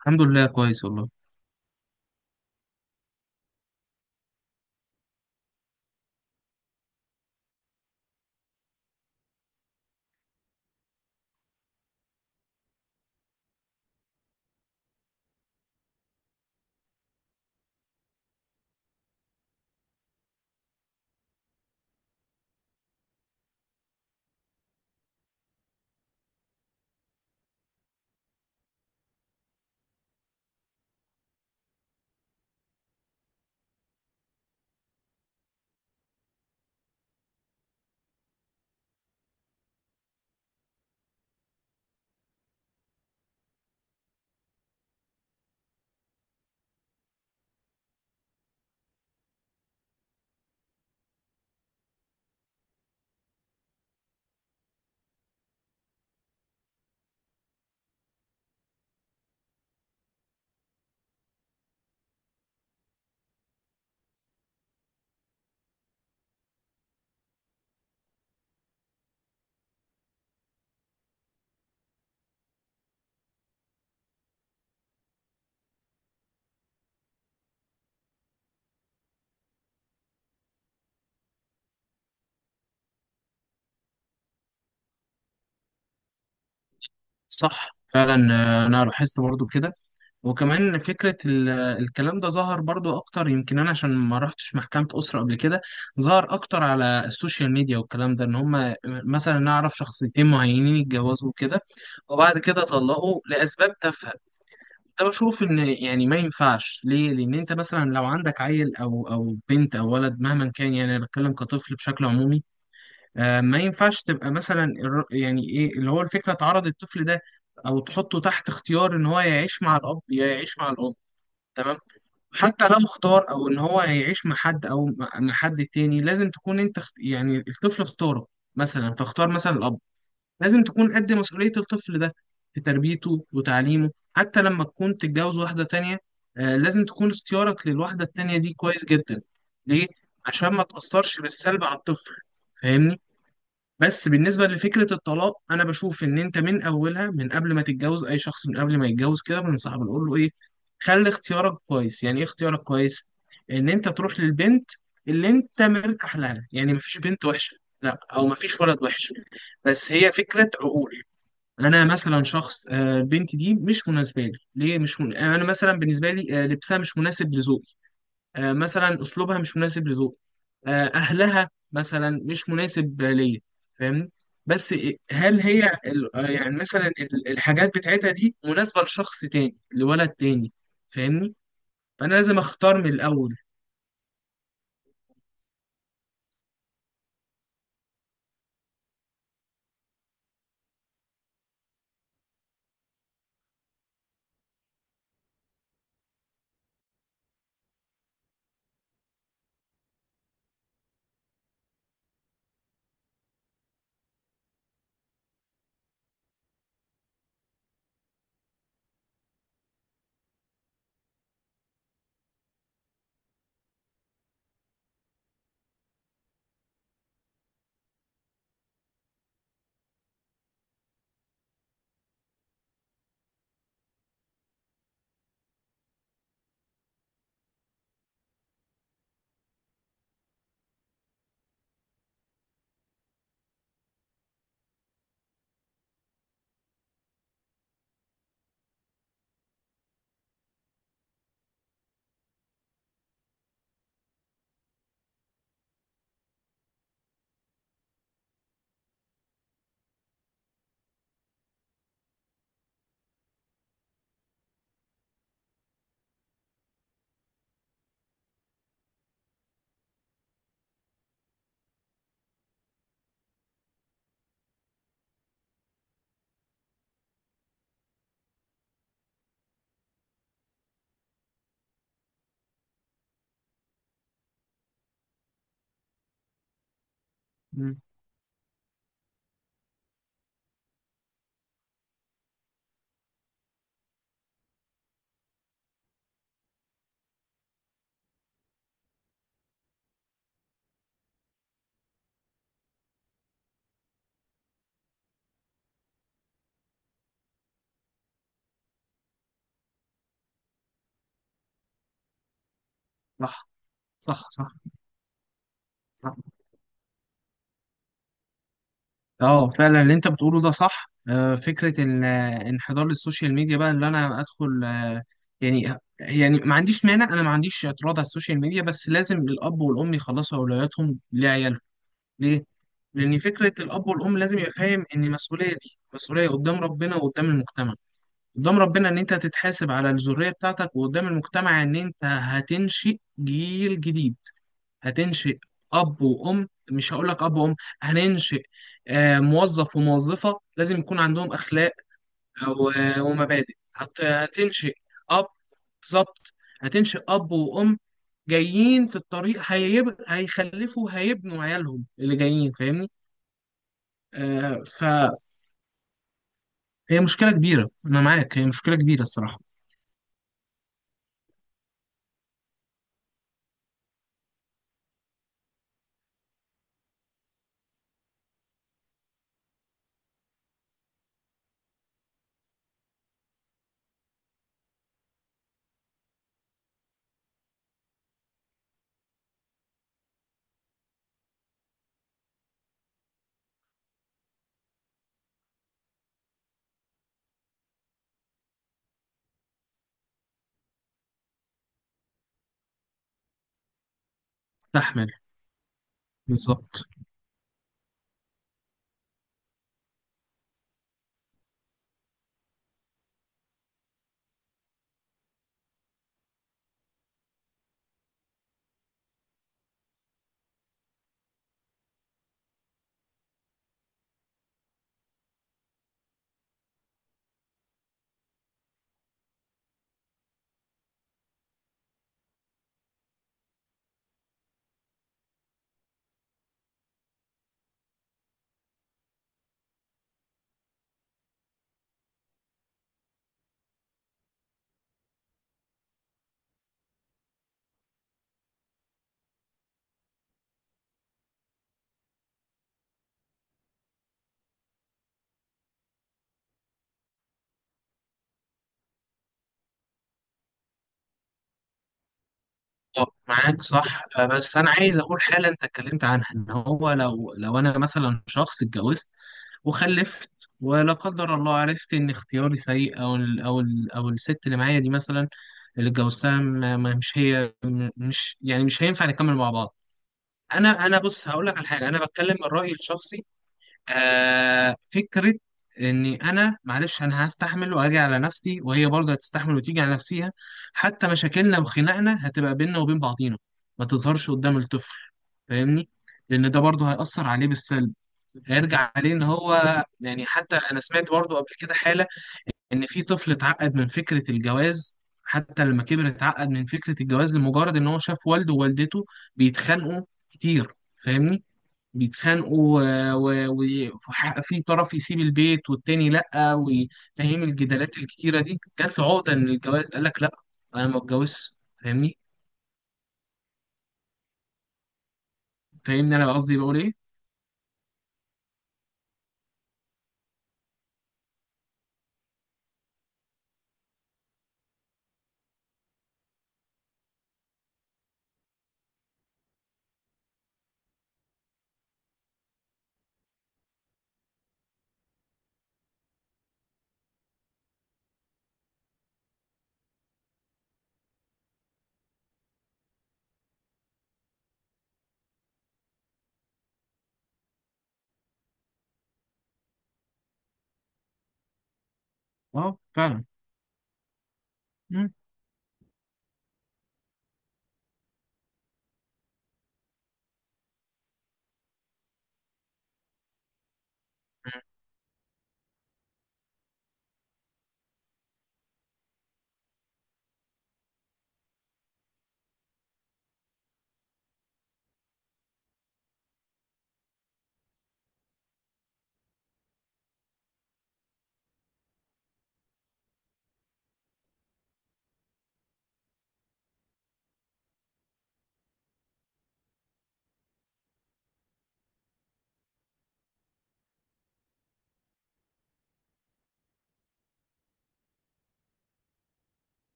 الحمد لله كويس والله. صح فعلا. انا لاحظت برضو كده. وكمان فكرة الكلام ده ظهر برضو اكتر، يمكن انا عشان ما رحتش محكمة اسرة قبل كده. ظهر اكتر على السوشيال ميديا، والكلام ده ان هم مثلا نعرف شخصيتين معينين اتجوزوا كده وبعد كده طلقوا لاسباب تافهة. ده بشوف ان يعني ما ينفعش، ليه؟ لان انت مثلا لو عندك عيل او بنت او ولد مهما كان، يعني انا بتكلم كطفل بشكل عمومي. ما ينفعش تبقى مثلا يعني ايه اللي هو الفكره، تعرض الطفل ده او تحطه تحت اختيار ان هو يعيش مع الاب يا يعيش مع الام. تمام. حتى لو اختار او ان هو هيعيش مع حد او مع حد تاني، لازم تكون انت يعني الطفل اختاره مثلا، فاختار مثلا الاب. لازم تكون قد مسؤوليه الطفل ده في تربيته وتعليمه. حتى لما تكون تتجوز واحده تانيه، لازم تكون اختيارك للواحده التانيه دي كويس جدا. ليه؟ عشان ما تاثرش بالسلب على الطفل. فاهمني. بس بالنسبة لفكرة الطلاق، أنا بشوف إن أنت من أولها، من قبل ما تتجوز أي شخص، من قبل ما يتجوز كده بنصحه بنقول له إيه؟ خلي اختيارك كويس. يعني إيه اختيارك كويس؟ إن أنت تروح للبنت اللي أنت مرتاح لها. يعني مفيش بنت وحشة لا، أو مفيش ولد وحش، بس هي فكرة عقول. أنا مثلا شخص، البنت دي مش مناسبة لي. ليه؟ مش من... أنا مثلا بالنسبة لي لبسها مش مناسب لذوقي. مثلا اسلوبها مش مناسب لذوقي. اهلها مثلا مش مناسب ليا. فاهمني. بس هل هي يعني مثلا الحاجات بتاعتها دي مناسبة لشخص تاني، لولد تاني. فاهمني. فانا لازم اختار من الاول. مم، صح. صح صح صح. اه فعلا اللي انت بتقوله ده صح. فكرة الانحدار للسوشيال ميديا بقى، اللي انا ادخل يعني ما عنديش مانع، انا ما عنديش اعتراض على السوشيال ميديا، بس لازم الاب والام يخلصوا اولوياتهم لعيالهم. ليه؟ لأن فكرة الأب والأم لازم يبقى فاهم إن المسؤولية دي مسؤولية قدام ربنا وقدام المجتمع، قدام ربنا إن أنت هتتحاسب على الذرية بتاعتك، وقدام المجتمع إن أنت هتنشئ جيل جديد. هتنشئ أب وأم، مش هقول لك أب وأم، هننشئ موظف وموظفة، لازم يكون عندهم أخلاق آه، و- ومبادئ. هتنشئ أب. بالظبط. هتنشئ أب وأم جايين في الطريق، هيخلفوا، هيبنوا عيالهم اللي جايين. فاهمني؟ فهي مشكلة كبيرة. أنا معاك، هي مشكلة كبيرة الصراحة. تستحمل. بالظبط. معاك صح. بس أنا عايز أقول حالا أنت اتكلمت عنها، إن هو لو أنا مثلا شخص اتجوزت وخلفت، ولا قدر الله عرفت إن اختياري سيء، أو ال أو ال أو الست اللي معايا دي مثلا، اللي اتجوزتها، مش هي، مش يعني مش هينفع نكمل مع بعض. أنا بص هقول لك على حاجة، أنا بتكلم من رأيي الشخصي. آه، فكرة إني أنا معلش أنا هستحمل وأجي على نفسي، وهي برضه هتستحمل وتيجي على نفسيها. حتى مشاكلنا وخناقنا هتبقى بيننا وبين بعضينا، ما تظهرش قدام الطفل. فاهمني؟ لأن ده برضه هيأثر عليه بالسلب، هيرجع عليه. إن هو يعني حتى أنا سمعت برضه قبل كده حالة إن في طفل اتعقد من فكرة الجواز، حتى لما كبر اتعقد من فكرة الجواز لمجرد إن هو شاف والده ووالدته بيتخانقوا كتير. فاهمني؟ بيتخانقوا، وفي طرف يسيب البيت والتاني لأ، وفاهم الجدالات الكتيرة دي، جات له عقدة من الجواز، قال لك لأ أنا ما اتجوزش. فاهمني. فاهمني. أنا قصدي بقول إيه؟ أه فعلا. مم.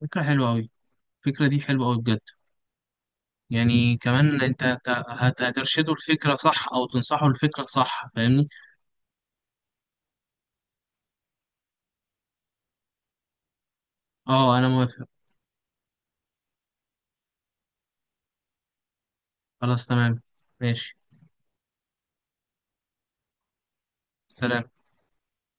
فكرة حلوة أوي، الفكرة دي حلوة أوي بجد. يعني كمان أنت هترشده الفكرة صح، أو تنصحه الفكرة صح. فاهمني؟ أه أنا موافق. خلاص تمام. ماشي. سلام.